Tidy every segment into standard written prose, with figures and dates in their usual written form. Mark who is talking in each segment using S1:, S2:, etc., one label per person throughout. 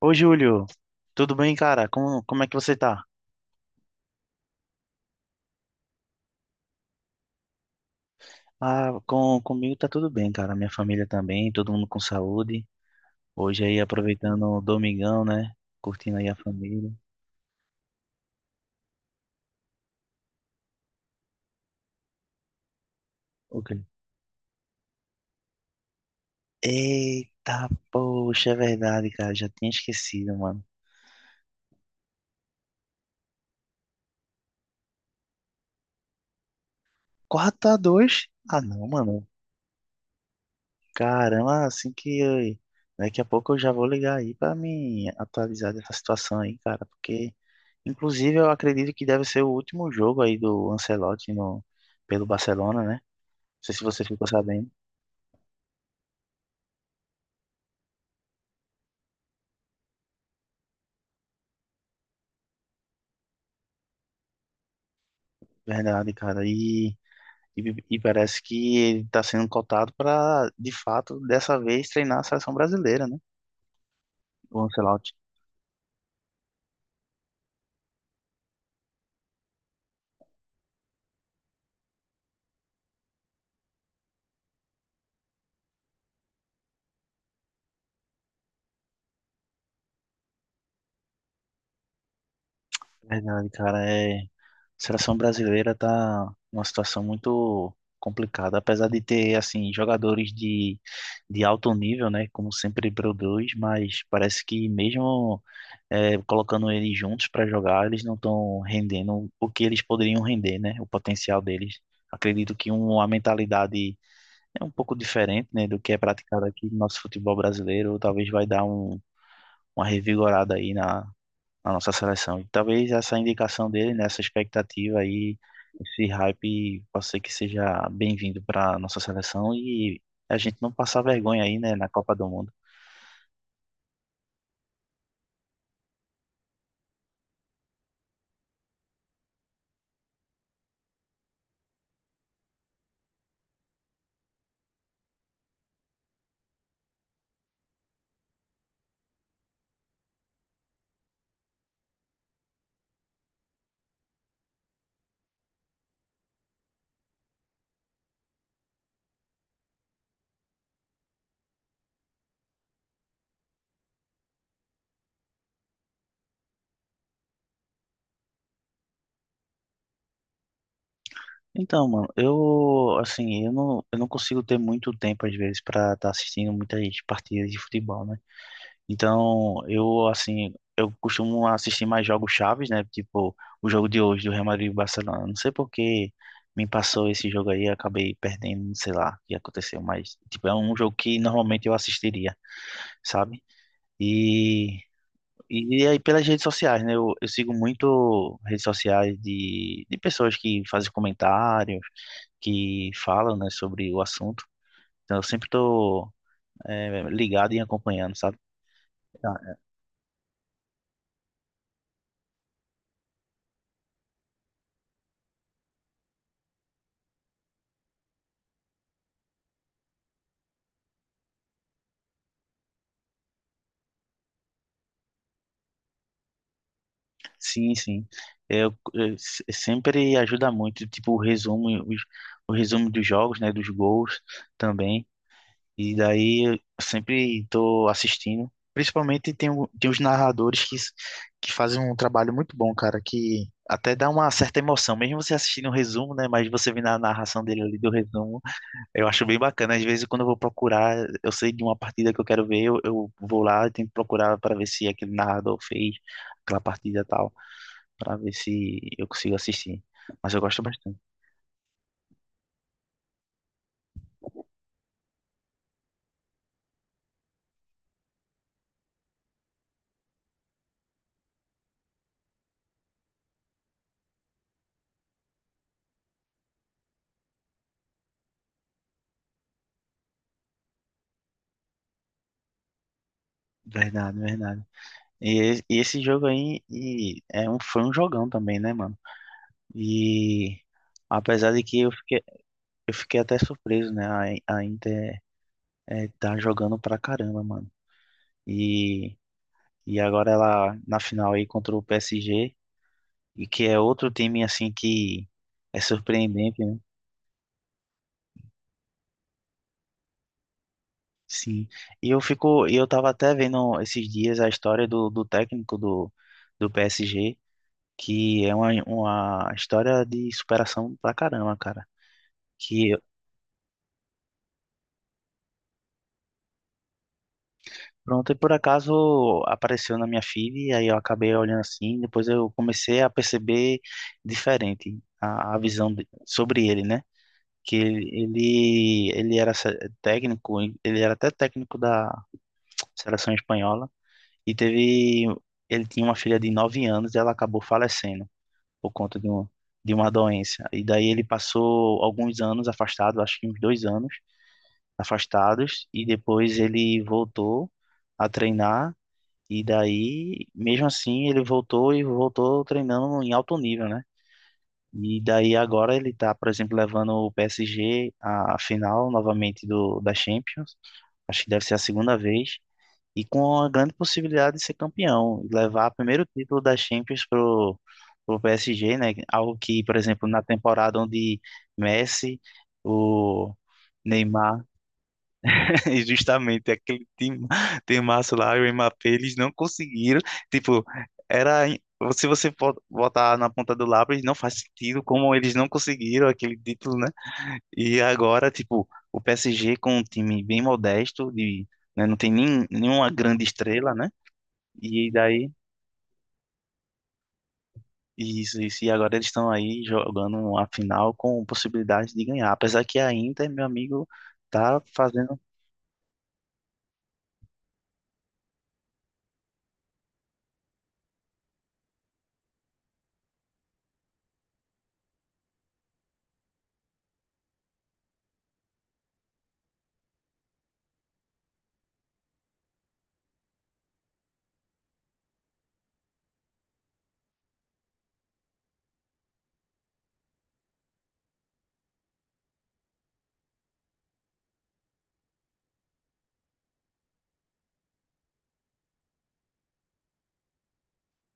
S1: Ô, Júlio, tudo bem, cara? Como é que você tá? Ah, comigo tá tudo bem, cara. Minha família também, todo mundo com saúde. Hoje aí, aproveitando o domingão, né? Curtindo aí a família. Ok. Eita, poxa, é verdade, cara. Já tinha esquecido, mano. 4 a dois? Ah, não, mano. Caramba, daqui a pouco eu já vou ligar aí para me atualizar dessa situação aí, cara, porque inclusive eu acredito que deve ser o último jogo aí do Ancelotti pelo Barcelona, né? Não sei se você ficou sabendo, verdade, cara. E, e parece que ele tá sendo cotado para, de fato, dessa vez treinar a seleção brasileira, né? O Ancelotti. Verdade, cara, a seleção brasileira tá numa situação muito complicada, apesar de ter assim jogadores de alto nível, né, como sempre produz, mas parece que mesmo colocando eles juntos para jogar, eles não estão rendendo o que eles poderiam render, né, o potencial deles. Acredito que uma mentalidade um pouco diferente, né, do que é praticado aqui no nosso futebol brasileiro, talvez vai dar uma revigorada aí na nossa seleção. E talvez essa indicação dele, né, essa expectativa aí, esse hype, possa ser que seja bem-vindo para nossa seleção e a gente não passar vergonha aí, né, na Copa do Mundo. Então, mano, eu, assim, eu não consigo ter muito tempo, às vezes, para estar assistindo muitas partidas de futebol, né? Então, eu, assim, eu costumo assistir mais jogos chaves, né? Tipo, o jogo de hoje do Real Madrid e Barcelona. Não sei por que me passou esse jogo aí, eu acabei perdendo, não sei lá o que aconteceu, mas, tipo, é um jogo que normalmente eu assistiria, sabe? E, e aí pelas redes sociais, né? Eu sigo muito redes sociais de pessoas que fazem comentários, que falam, né, sobre o assunto. Então, eu sempre tô, ligado e acompanhando, sabe? Sim, sim. É, eu se- sempre ajuda muito, tipo, o resumo dos jogos, né, dos gols também. E daí eu sempre tô assistindo. Principalmente tem os narradores que fazem um trabalho muito bom, cara, que até dá uma certa emoção. Mesmo você assistindo o resumo, né, mas você vendo a narração dele ali do resumo, eu acho bem bacana. Às vezes quando eu vou procurar, eu sei de uma partida que eu quero ver, eu vou lá e tento procurar para ver se aquele narrador fez aquela partida e tal pra ver se eu consigo assistir. Mas eu gosto bastante. Verdade, verdade. E esse jogo aí foi um jogão também, né, mano? E apesar de que eu fiquei até surpreso, né? A Inter tá jogando pra caramba, mano. E, e agora ela na final aí contra o PSG, e que é outro time assim que é surpreendente, né? Sim. E eu fico, e eu tava até vendo esses dias a história do técnico do PSG que é uma história de superação pra caramba, cara. Que pronto, e por acaso apareceu na minha feed, aí eu acabei olhando assim, depois eu comecei a perceber diferente a visão sobre ele, né? Que ele era técnico, ele era até técnico da seleção espanhola, e teve, ele tinha uma filha de 9 anos e ela acabou falecendo por conta de uma doença. E daí ele passou alguns anos afastado, acho que uns dois anos, afastados e depois ele voltou a treinar e daí, mesmo assim, ele voltou e voltou treinando em alto nível, né? E daí agora ele tá, por exemplo, levando o PSG à final novamente do da Champions. Acho que deve ser a segunda vez e com a grande possibilidade de ser campeão, levar o primeiro título da Champions pro PSG, né? Algo que, por exemplo, na temporada onde Messi, o Neymar e justamente aquele time, timaço lá, o Mbappé, eles não conseguiram. Tipo, era. Se você for botar na ponta do lápis, não faz sentido como eles não conseguiram aquele título, né? E agora, tipo, o PSG com um time bem modesto, né, não tem nem, nenhuma grande estrela, né? E daí. Isso, e agora eles estão aí jogando a final com possibilidade de ganhar. Apesar que a Inter, meu amigo, tá fazendo.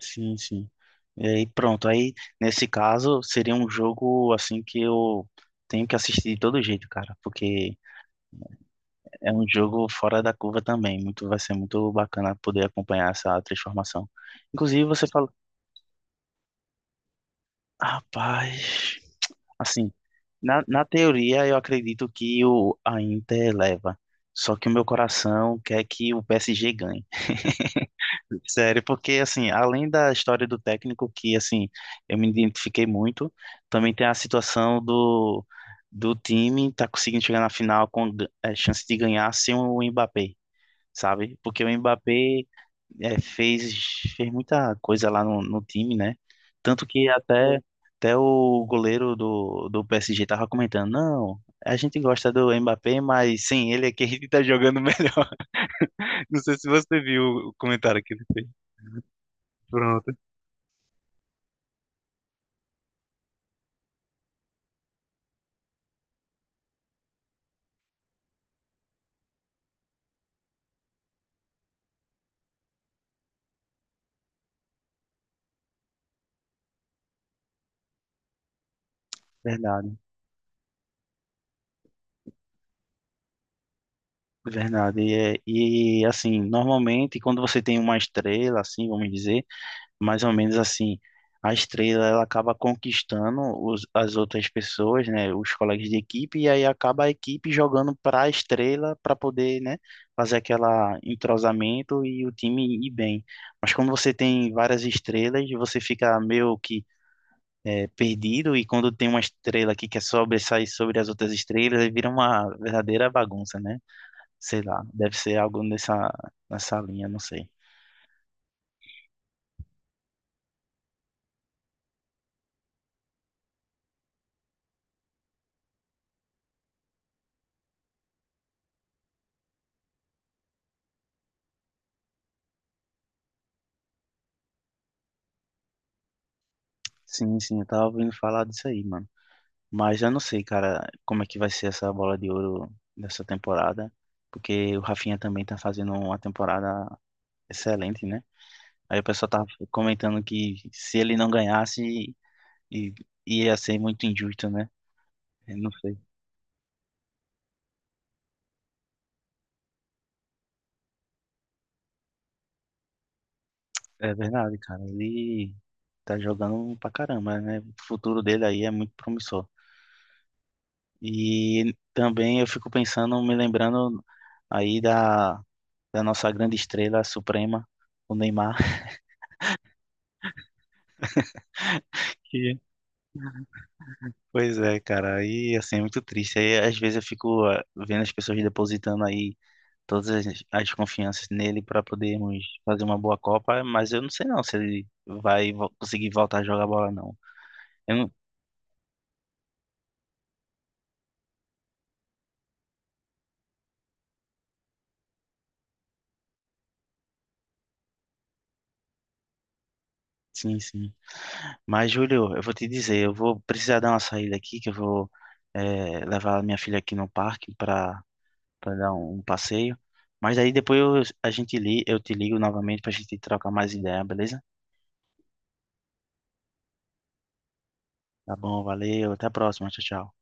S1: Sim, sim. E aí, pronto. Aí, nesse caso, seria um jogo assim que eu tenho que assistir de todo jeito, cara, porque é um jogo fora da curva também. Muito, vai ser muito bacana poder acompanhar essa transformação. Inclusive, você falou, rapaz, assim, na teoria eu acredito que o a Inter leva, só que o meu coração quer que o PSG ganhe. Sério, porque assim, além da história do técnico, que assim, eu me identifiquei muito, também tem a situação do time tá conseguindo chegar na final com chance de ganhar sem o Mbappé, sabe? Porque o Mbappé é, fez, fez muita coisa lá no time, né? Tanto que até, até o goleiro do PSG tava comentando, não, a gente gosta do Mbappé, mas sim, ele é quem tá jogando melhor. Não sei se você viu o comentário que ele fez. Pronto. Verdade, verdade. E assim, normalmente quando você tem uma estrela, assim, vamos dizer, mais ou menos assim, a estrela ela acaba conquistando os, as outras pessoas, né, os colegas de equipe, e aí acaba a equipe jogando para a estrela para poder, né, fazer aquela entrosamento e o time ir bem. Mas quando você tem várias estrelas, você fica meio que perdido, e quando tem uma estrela que quer sobressair sobre as outras estrelas, aí vira uma verdadeira bagunça, né? Sei lá, deve ser algo nessa linha, não sei. Sim, sim, eu tava ouvindo falar disso aí, mano. Mas eu não sei, cara, como é que vai ser essa bola de ouro dessa temporada, porque o Rafinha também tá fazendo uma temporada excelente, né? Aí o pessoal tava comentando que se ele não ganhasse, i- ia ser muito injusto, né? Eu não sei. É verdade, cara, ele tá jogando pra caramba, né? O futuro dele aí é muito promissor. E também eu fico pensando, me lembrando aí da nossa grande estrela suprema, o Neymar. Que... Pois é, cara, aí assim é muito triste. Aí às vezes eu fico ah, vendo as pessoas depositando aí as confianças nele para podermos fazer uma boa Copa, mas eu não sei não se ele vai conseguir voltar a jogar bola não. Eu não... Sim, sim. Mas Júlio, eu vou te dizer, eu vou precisar dar uma saída aqui, que eu vou levar a minha filha aqui no parque para dar um passeio. Mas aí depois a gente li, eu te ligo novamente para a gente trocar mais ideia, beleza? Tá bom, valeu, até a próxima, tchau, tchau.